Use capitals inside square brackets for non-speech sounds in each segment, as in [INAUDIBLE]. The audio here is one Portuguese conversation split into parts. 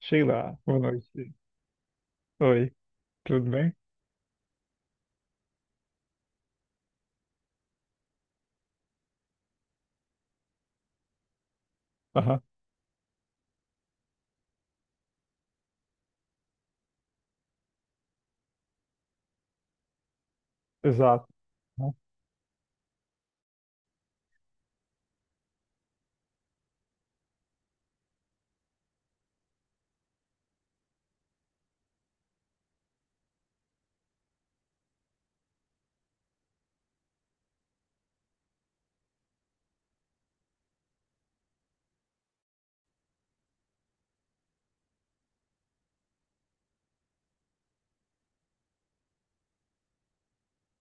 Sheila, boa noite. Oi, tudo bem? Aham, exato.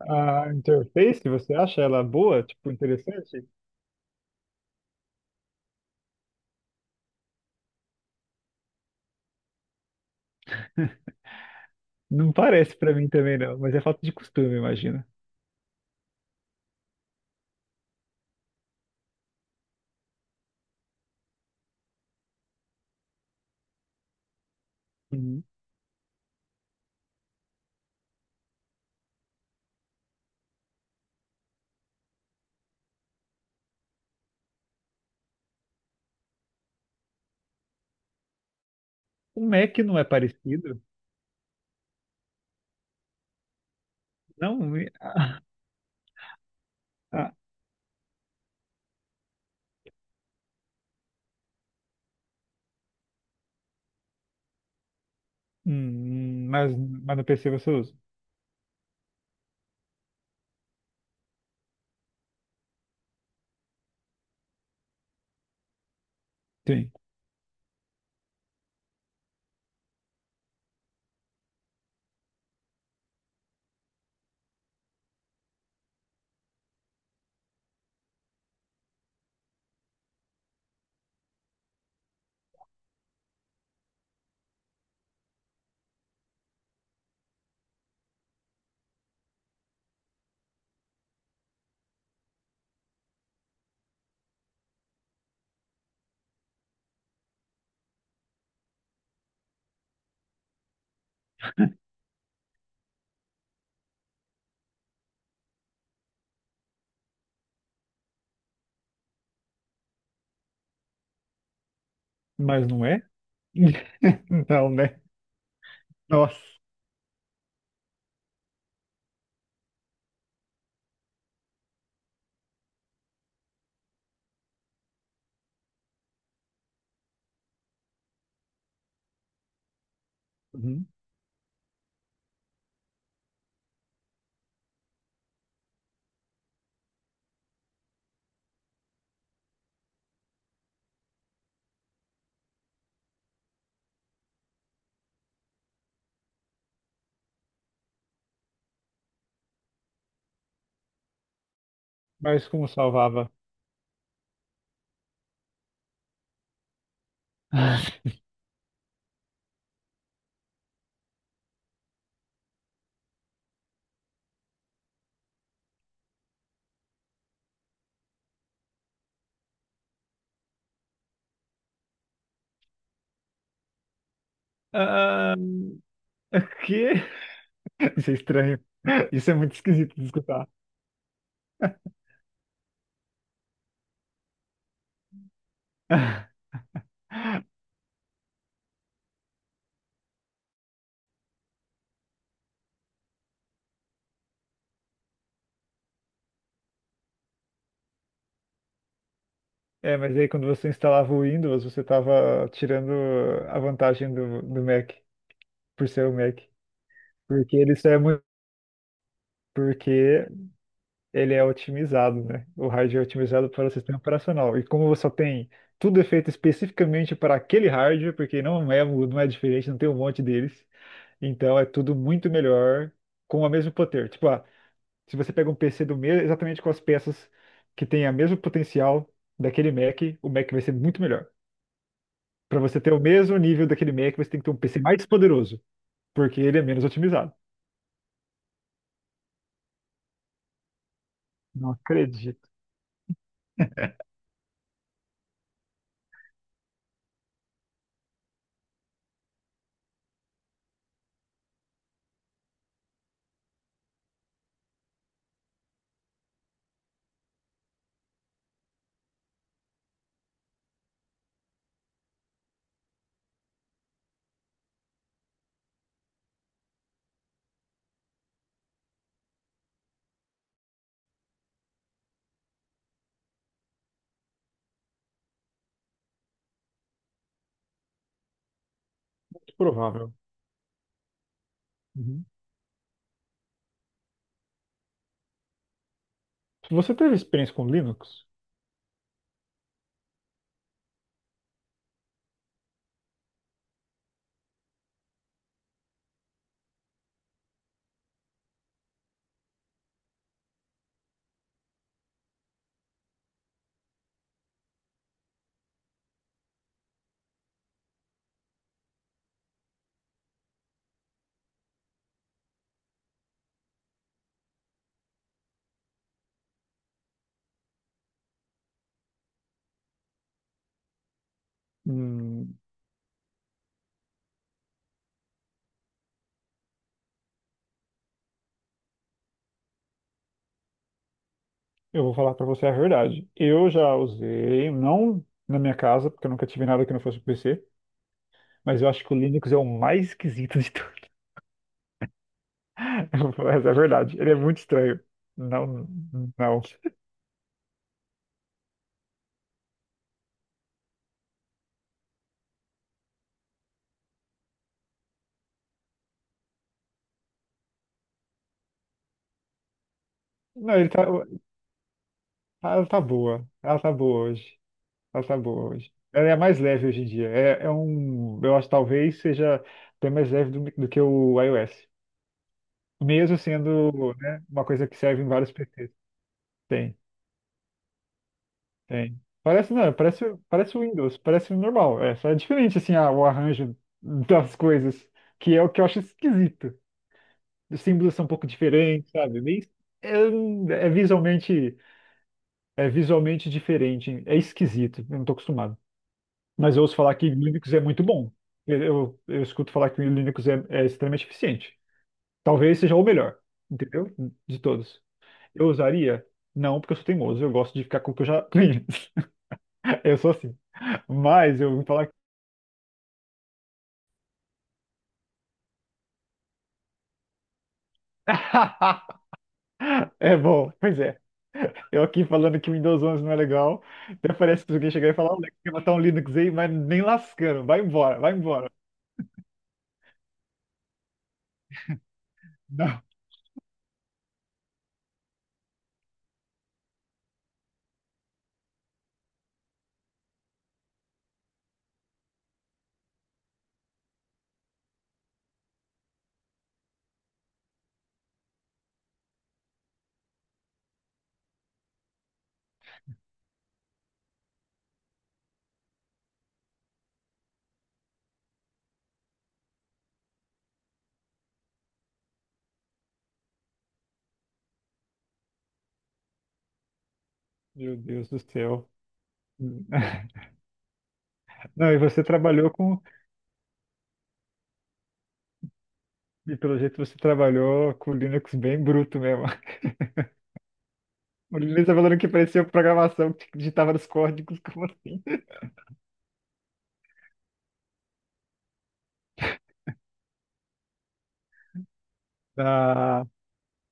A interface, você acha ela boa? Tipo, interessante? [LAUGHS] Não parece pra mim também, não, mas é falta de costume, imagina. Uhum. O Mac não é parecido? Não, ah, mas no PC você usa? Sim. Mas não é? [LAUGHS] Não, né? Nossa. Uhum. Mas como salvava? [LAUGHS] Ah, que? Isso é estranho. Isso é muito esquisito de escutar. [LAUGHS] É, mas aí quando você instalava o Windows, você estava tirando a vantagem do Mac, por ser o Mac. Porque ele só é muito, porque ele é otimizado, né? O hardware é otimizado para o sistema operacional. E como você só tem tudo é feito especificamente para aquele hardware, porque não é, não é diferente, não tem um monte deles. Então é tudo muito melhor com o mesmo poder. Tipo, ah, se você pega um PC do mesmo, exatamente com as peças que têm o mesmo potencial daquele Mac, o Mac vai ser muito melhor. Para você ter o mesmo nível daquele Mac, você tem que ter um PC mais poderoso, porque ele é menos otimizado. Não acredito. Provável. Uhum. Se você teve experiência com Linux, hum, eu vou falar para você a verdade. Eu já usei, não na minha casa, porque eu nunca tive nada que não fosse PC, mas eu acho que o Linux é o mais esquisito de tudo. [LAUGHS] Mas é verdade, ele é muito estranho. Não, não. Não, ela tá boa. Ela tá boa hoje. Ela tá boa hoje. Ela é a mais leve hoje em dia. É um, eu acho que talvez seja até mais leve do que o iOS. Mesmo sendo, né, uma coisa que serve em vários PCs. Tem, tem. Parece, não, parece o Windows, parece normal. É, só é diferente, assim, o arranjo das coisas, que é o que eu acho esquisito. Os símbolos são um pouco diferentes, sabe? Meio, é, é visualmente, é visualmente diferente. É esquisito, eu não tô acostumado. Mas eu ouço falar que Linux é muito bom. Eu escuto falar que Linux é extremamente eficiente. Talvez seja o melhor, entendeu? De todos. Eu usaria? Não, porque eu sou teimoso. Eu gosto de ficar com o que eu já conheço. [LAUGHS] Eu sou assim. Mas eu vou falar. [LAUGHS] É bom, pois é. Eu aqui falando que o Windows 11 não é legal. Até parece que alguém chegar e falar: Olha, quer matar um Linux aí, mas nem lascando. Vai embora, vai embora. Não. Meu Deus do céu. [LAUGHS] Não, e pelo jeito você trabalhou com o Linux bem bruto mesmo. [LAUGHS] O Linux tá falando que parecia programação que digitava nos códigos, [LAUGHS] como assim? Ah,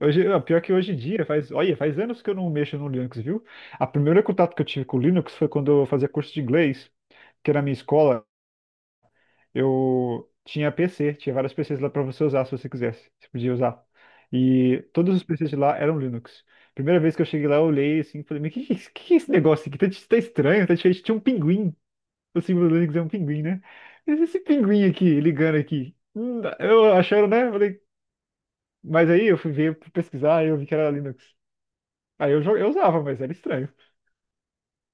pior que hoje em dia, faz, olha, faz anos que eu não mexo no Linux, viu? A primeira contato que eu tive com o Linux foi quando eu fazia curso de inglês, que era na minha escola, eu tinha PC, tinha vários PCs lá para você usar se você quisesse, você podia usar. E todos os PCs de lá eram Linux. Primeira vez que eu cheguei lá, eu olhei assim, falei, mas que é esse negócio aqui? Tá estranho, tá diferente, tinha um pinguim. O símbolo do Linux é um pinguim, né? Mas esse pinguim aqui, ligando aqui. Eu achando, né? Falei, mas aí eu fui ver, fui pesquisar e eu vi que era Linux. Aí eu usava, mas era estranho.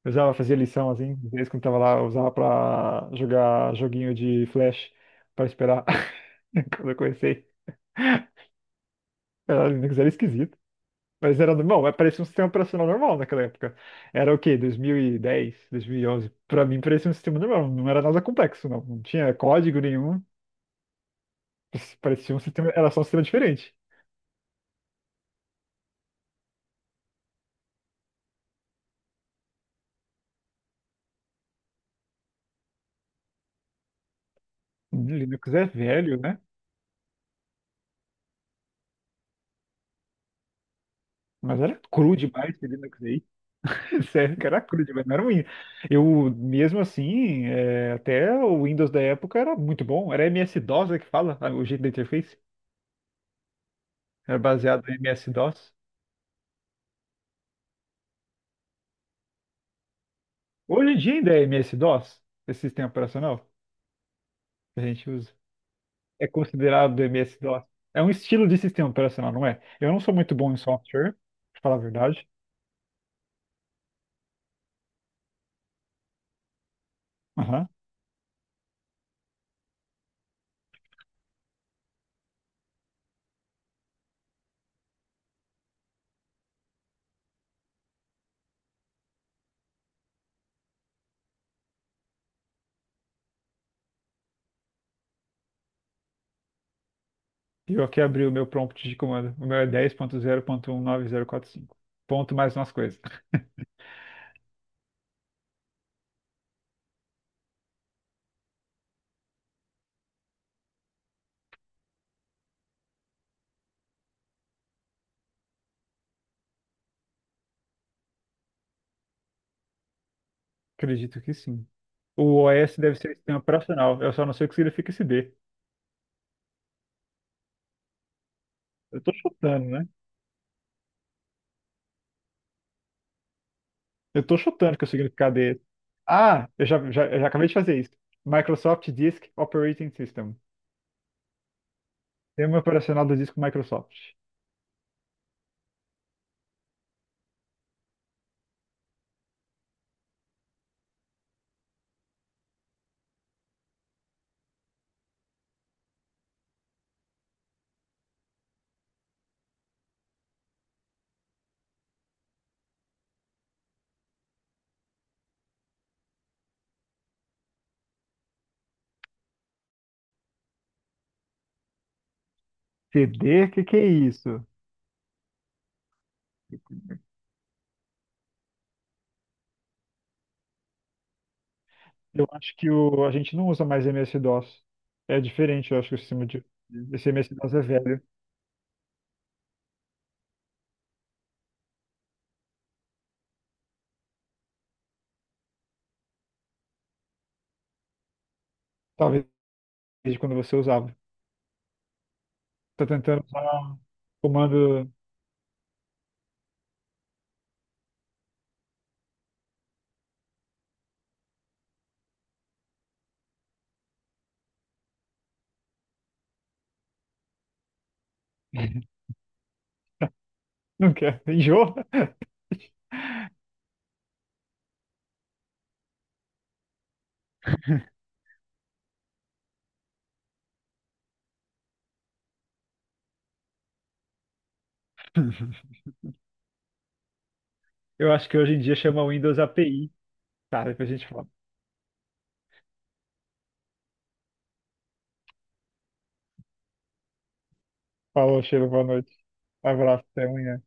Eu usava, fazia lição assim, às vezes quando tava lá, eu usava pra jogar joguinho de Flash pra esperar. [LAUGHS] Quando eu comecei, era Linux era esquisito. Mas era normal, mas parecia um sistema operacional normal naquela época. Era o quê? 2010, 2011. Pra mim parecia um sistema normal, não era nada complexo, não. Não tinha código nenhum. [LAUGHS] Isso parecia um sistema, era só um sistema diferente. Linux é velho, né? Mas era cru demais esse Linux aí. [LAUGHS] Sério, que era cru demais, não era ruim. Eu, mesmo assim, é, até o Windows da época era muito bom. Era MS-DOS, é que fala, ah, o jeito da interface. Era baseado em MS-DOS. Hoje em dia ainda é MS-DOS, esse sistema operacional que a gente usa. É considerado MS-DOS. É um estilo de sistema operacional, não é? Eu não sou muito bom em software, pra falar a verdade. E eu aqui abri o meu prompt de comando. O meu é 10.0.19045. Ponto zero ponto um nove zero quatro cinco. Ponto mais umas coisas. Acredito que sim. O OS deve ser sistema operacional. Eu só não sei o que significa esse D. Eu tô chutando, né? Eu tô chutando que o significado é esse. Ah, eu já acabei de fazer isso. Microsoft Disk Operating System. Sistema operacional do disco Microsoft. CD, o que que é isso? Eu acho que o, a gente não usa mais MS-DOS. É diferente, eu acho que o sistema de. Esse MS-DOS é velho. Talvez desde quando você usava. Tá tentando usar comando. [LAUGHS] Não quer. Enjoa? [LAUGHS] Eu acho que hoje em dia chama Windows API. Tá, depois a gente fala. Falou, Sheila, boa noite. Abraço, até amanhã.